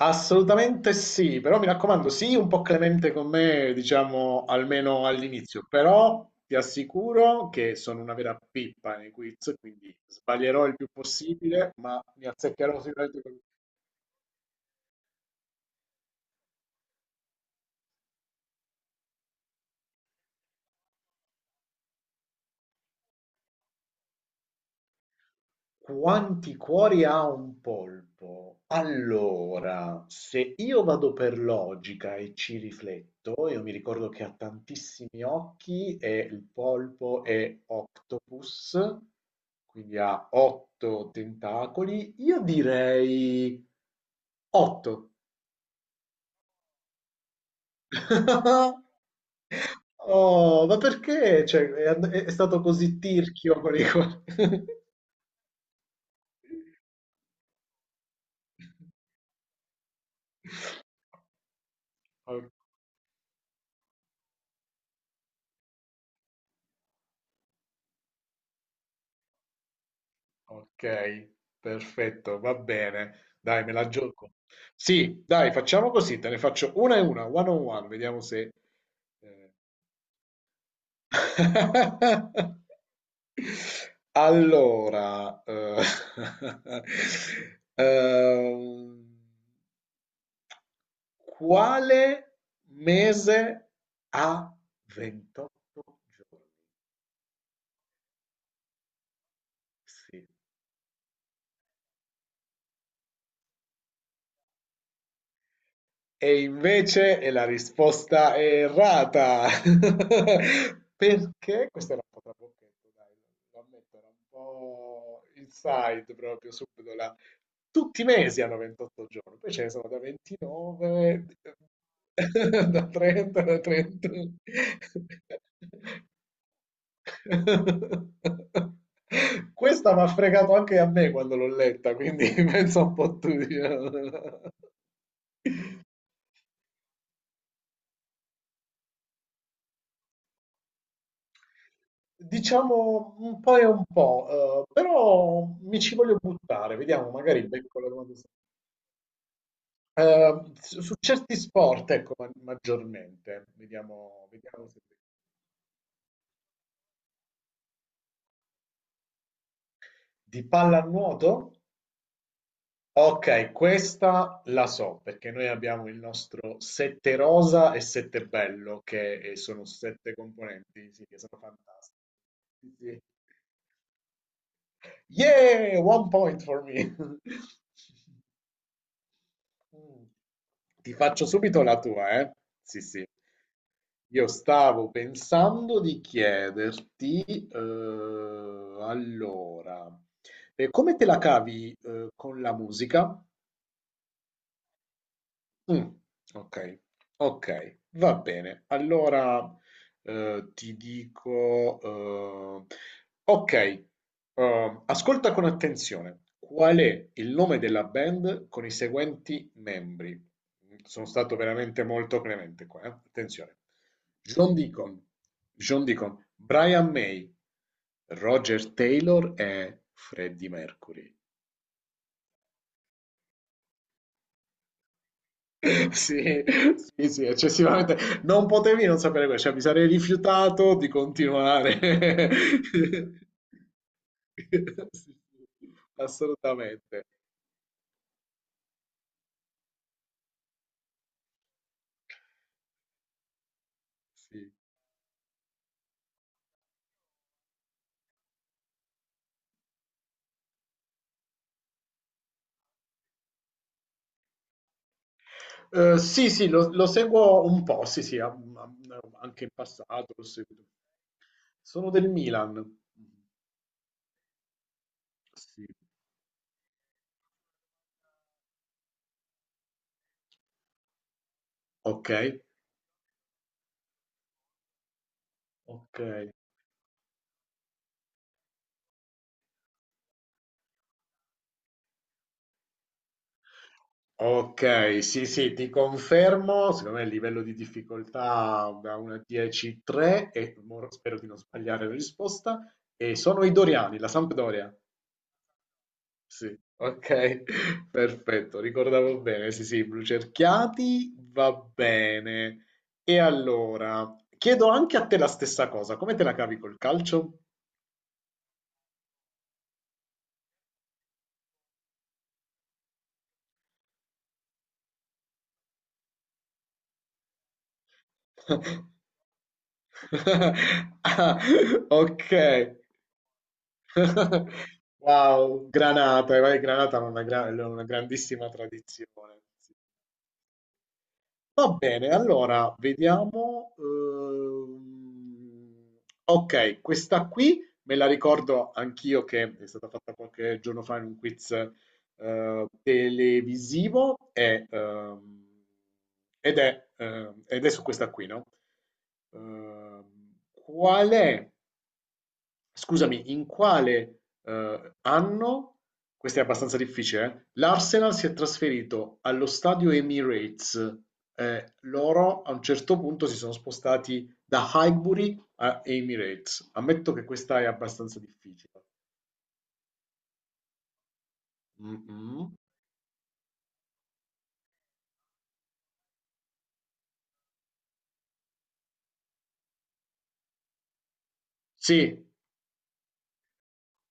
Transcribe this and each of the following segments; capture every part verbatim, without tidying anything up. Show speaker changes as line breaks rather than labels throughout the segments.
Assolutamente sì, però mi raccomando, sii un po' clemente con me, diciamo, almeno all'inizio, però ti assicuro che sono una vera pippa nei quiz, quindi sbaglierò il più possibile, ma ne azzeccherò sicuramente qualcuno. Quanti cuori ha un polpo? Allora, se io vado per logica e ci rifletto, io mi ricordo che ha tantissimi occhi e il polpo è octopus, quindi ha otto tentacoli. Io direi otto. Oh, ma perché? Cioè, è, and- è stato così tirchio con i cuori. Ok, perfetto, va bene. Dai, me la gioco. Sì, dai, facciamo così, te ne faccio una e una, one on one, vediamo se. eh. Allora, eh, ehm, quale mese ha ventotto giorni? Sì. E invece e la risposta è errata. Perché? Questa era un po' trabocchetto, dai, lo ammetto, era un po' inside proprio subito là. Tutti i mesi hanno ventotto giorni, poi ce ne sono da ventinove, da trenta, da trentuno. Questa mi ha fregato anche a me quando l'ho letta, quindi penso un po' tu, diciamo. Diciamo un po' e un po', eh, però mi ci voglio buttare, vediamo, magari becco la domanda. Eh, su, su certi sport, ecco, ma- maggiormente, vediamo, vediamo se. Di pallanuoto? Ok, questa la so, perché noi abbiamo il nostro sette rosa e sette bello, che eh, sono sette componenti, sì, che sono fantastici. Sì, sì. Yeah, one point for me. Mh. Ti faccio subito la tua, eh. Sì, sì. Io stavo pensando di chiederti, eh, allora, eh, come te la cavi, eh, con la musica? Mh, okay, okay, va bene. Allora, ehm, ti dico, ehm okay, uhm, ascolta con attenzione. Qual è il nome della band con i seguenti membri? Mhmm, sono stato veramente molto clemente qua, eh, attenzione. John Deacon John Deacon, Brian May, Roger Taylor e Freddie Mercury. Sì, sì, sì, eccessivamente. Non potevi non sapere questo, cioè mi sarei rifiutato di continuare. Sì, sì, assolutamente. Sì, Eh, sì, sì, lo, lo seguo un po', sì, sì, am- am- anche in passato l'ho seguito. Sono del Milan. Sì. Ok, ok. Okay, sì, sì, ti confermo, secondo me il livello di difficoltà da uno a dieci, tre e mo spero di non sbagliare la risposta, e sono i Doriani, la Sampdoria. Sì, okay, perfetto, ricordavo bene, sì, sì, blu cerchiati, va bene. E allora, chiedo anche a te la stessa cosa, come te la cavi col calcio? Ah, ok. Wow, Granata, eh, vai, Granata ha una, gra- una grandissima tradizione. Va bene, allora vediamo. ehm, ok, questa qui me la ricordo anch'io che è stata fatta qualche giorno fa in un quiz eh, televisivo e, ehm, ed è, ehm, ed è su questa qui, no? Ehm, qual è Scusami, in quale eh, anno, questa è abbastanza difficile, eh, l'Arsenal si è trasferito allo stadio Emirates? Eh, loro a un certo punto si sono spostati da Highbury a Emirates. Ammetto che questa è abbastanza difficile. Mm-mm. Sì,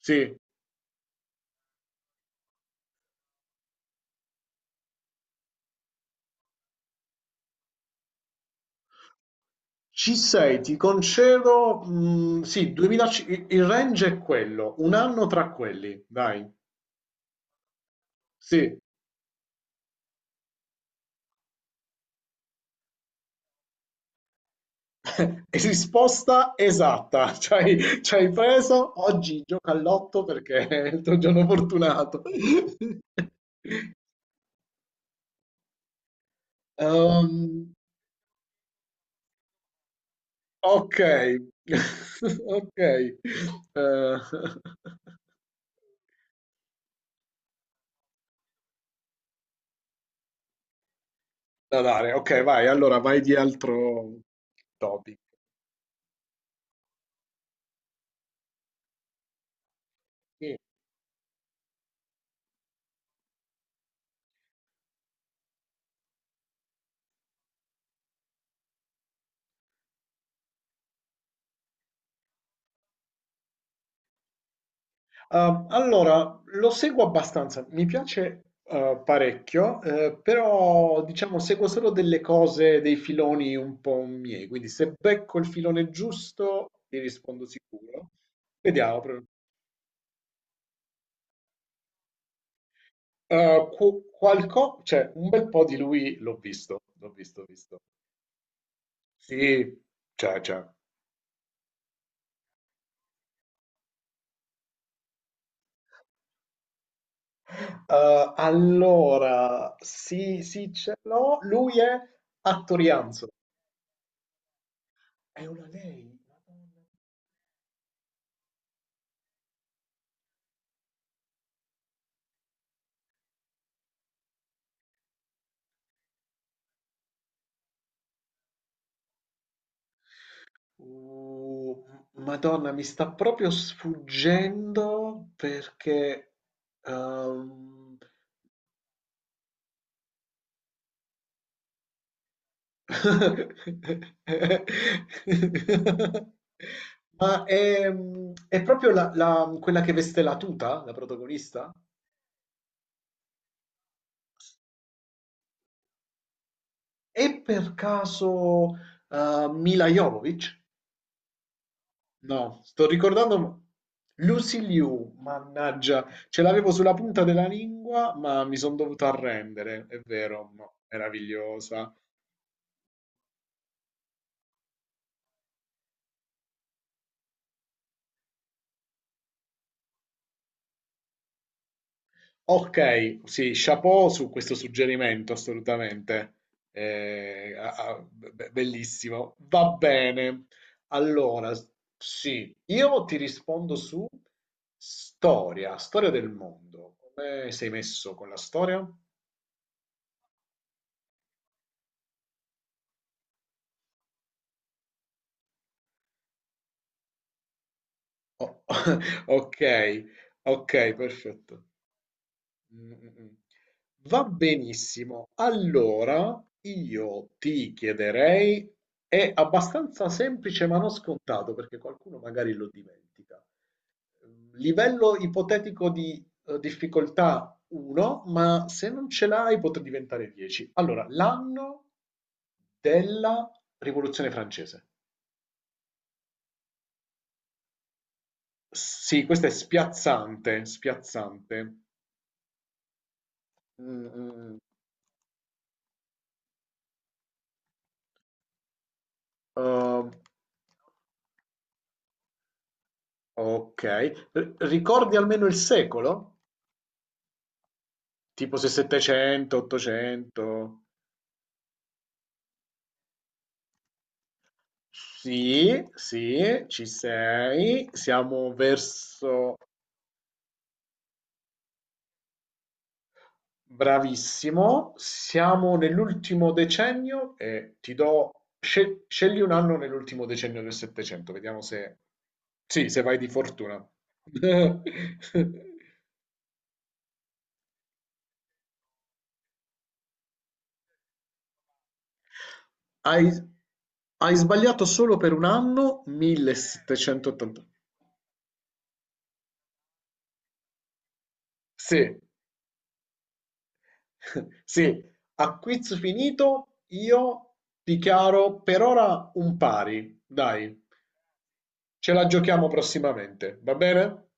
sì, ci sei, ti concedo. mm, sì, duemila, il il range è quello, un anno tra quelli, dai. Sì. Risposta esatta, ci hai, ci hai preso. Oggi gioca al lotto perché è il tuo giorno fortunato. Ehm, ok, ok. Eh, da dare, ok, vai. Allora vai di altro topic. Sì. Ah, allora, lo seguo abbastanza, mi piace eh, parecchio, eh, però diciamo seguo solo delle cose, dei filoni un po' miei, quindi se becco il filone giusto ti rispondo sicuro. Vediamo, però. Eh, qu- qualco- cioè, un bel po' di lui l'ho visto, l'ho visto, visto. Sì, c'è, c'è. Eh, allora, sì, sì, ce l'ho, lui è Attorianzo, è una lei, madonna. Uh, Madonna, mi sta proprio sfuggendo perché. ehm, Ma è, è proprio la- la- quella che veste la tuta, la protagonista? È per caso eh, Mila Jovovich? No, sto ricordando Lucy Liu, mannaggia, ce l'avevo sulla punta della lingua, ma mi sono dovuto arrendere, è vero, no, meravigliosa. Ok, sì, chapeau su questo suggerimento, assolutamente. Eh, ah, ah, be- bellissimo. Va bene. Allora, sì, io ti rispondo su storia, storia del mondo. Come sei messo con la storia? O- Ok, ok, perfetto. Mm, mm, mm. Va benissimo. Allora, io ti chiederei, è abbastanza semplice ma non scontato perché qualcuno magari lo dimentica. Livello ipotetico di eh, difficoltà uno, ma se non ce l'hai potrà diventare dieci. Allora, l'anno della Rivoluzione francese. Sì, questo è spiazzante, spiazzante. Mm, mm. Mm. Ehm, ok. R- ricordi almeno il secolo? Tipo se settecento, ottocento? Sì, sì, ci sei. Siamo verso. Bravissimo. Siamo nell'ultimo decennio e ti do. scel- Scegli un anno nell'ultimo decennio del settecento, vediamo se. Sì, se vai di fortuna. Hai, hai sbagliato solo per un anno, millesettecentottanta. Sì, sì, a quiz finito io dichiaro per ora un pari, dai, ce la giochiamo prossimamente, va bene?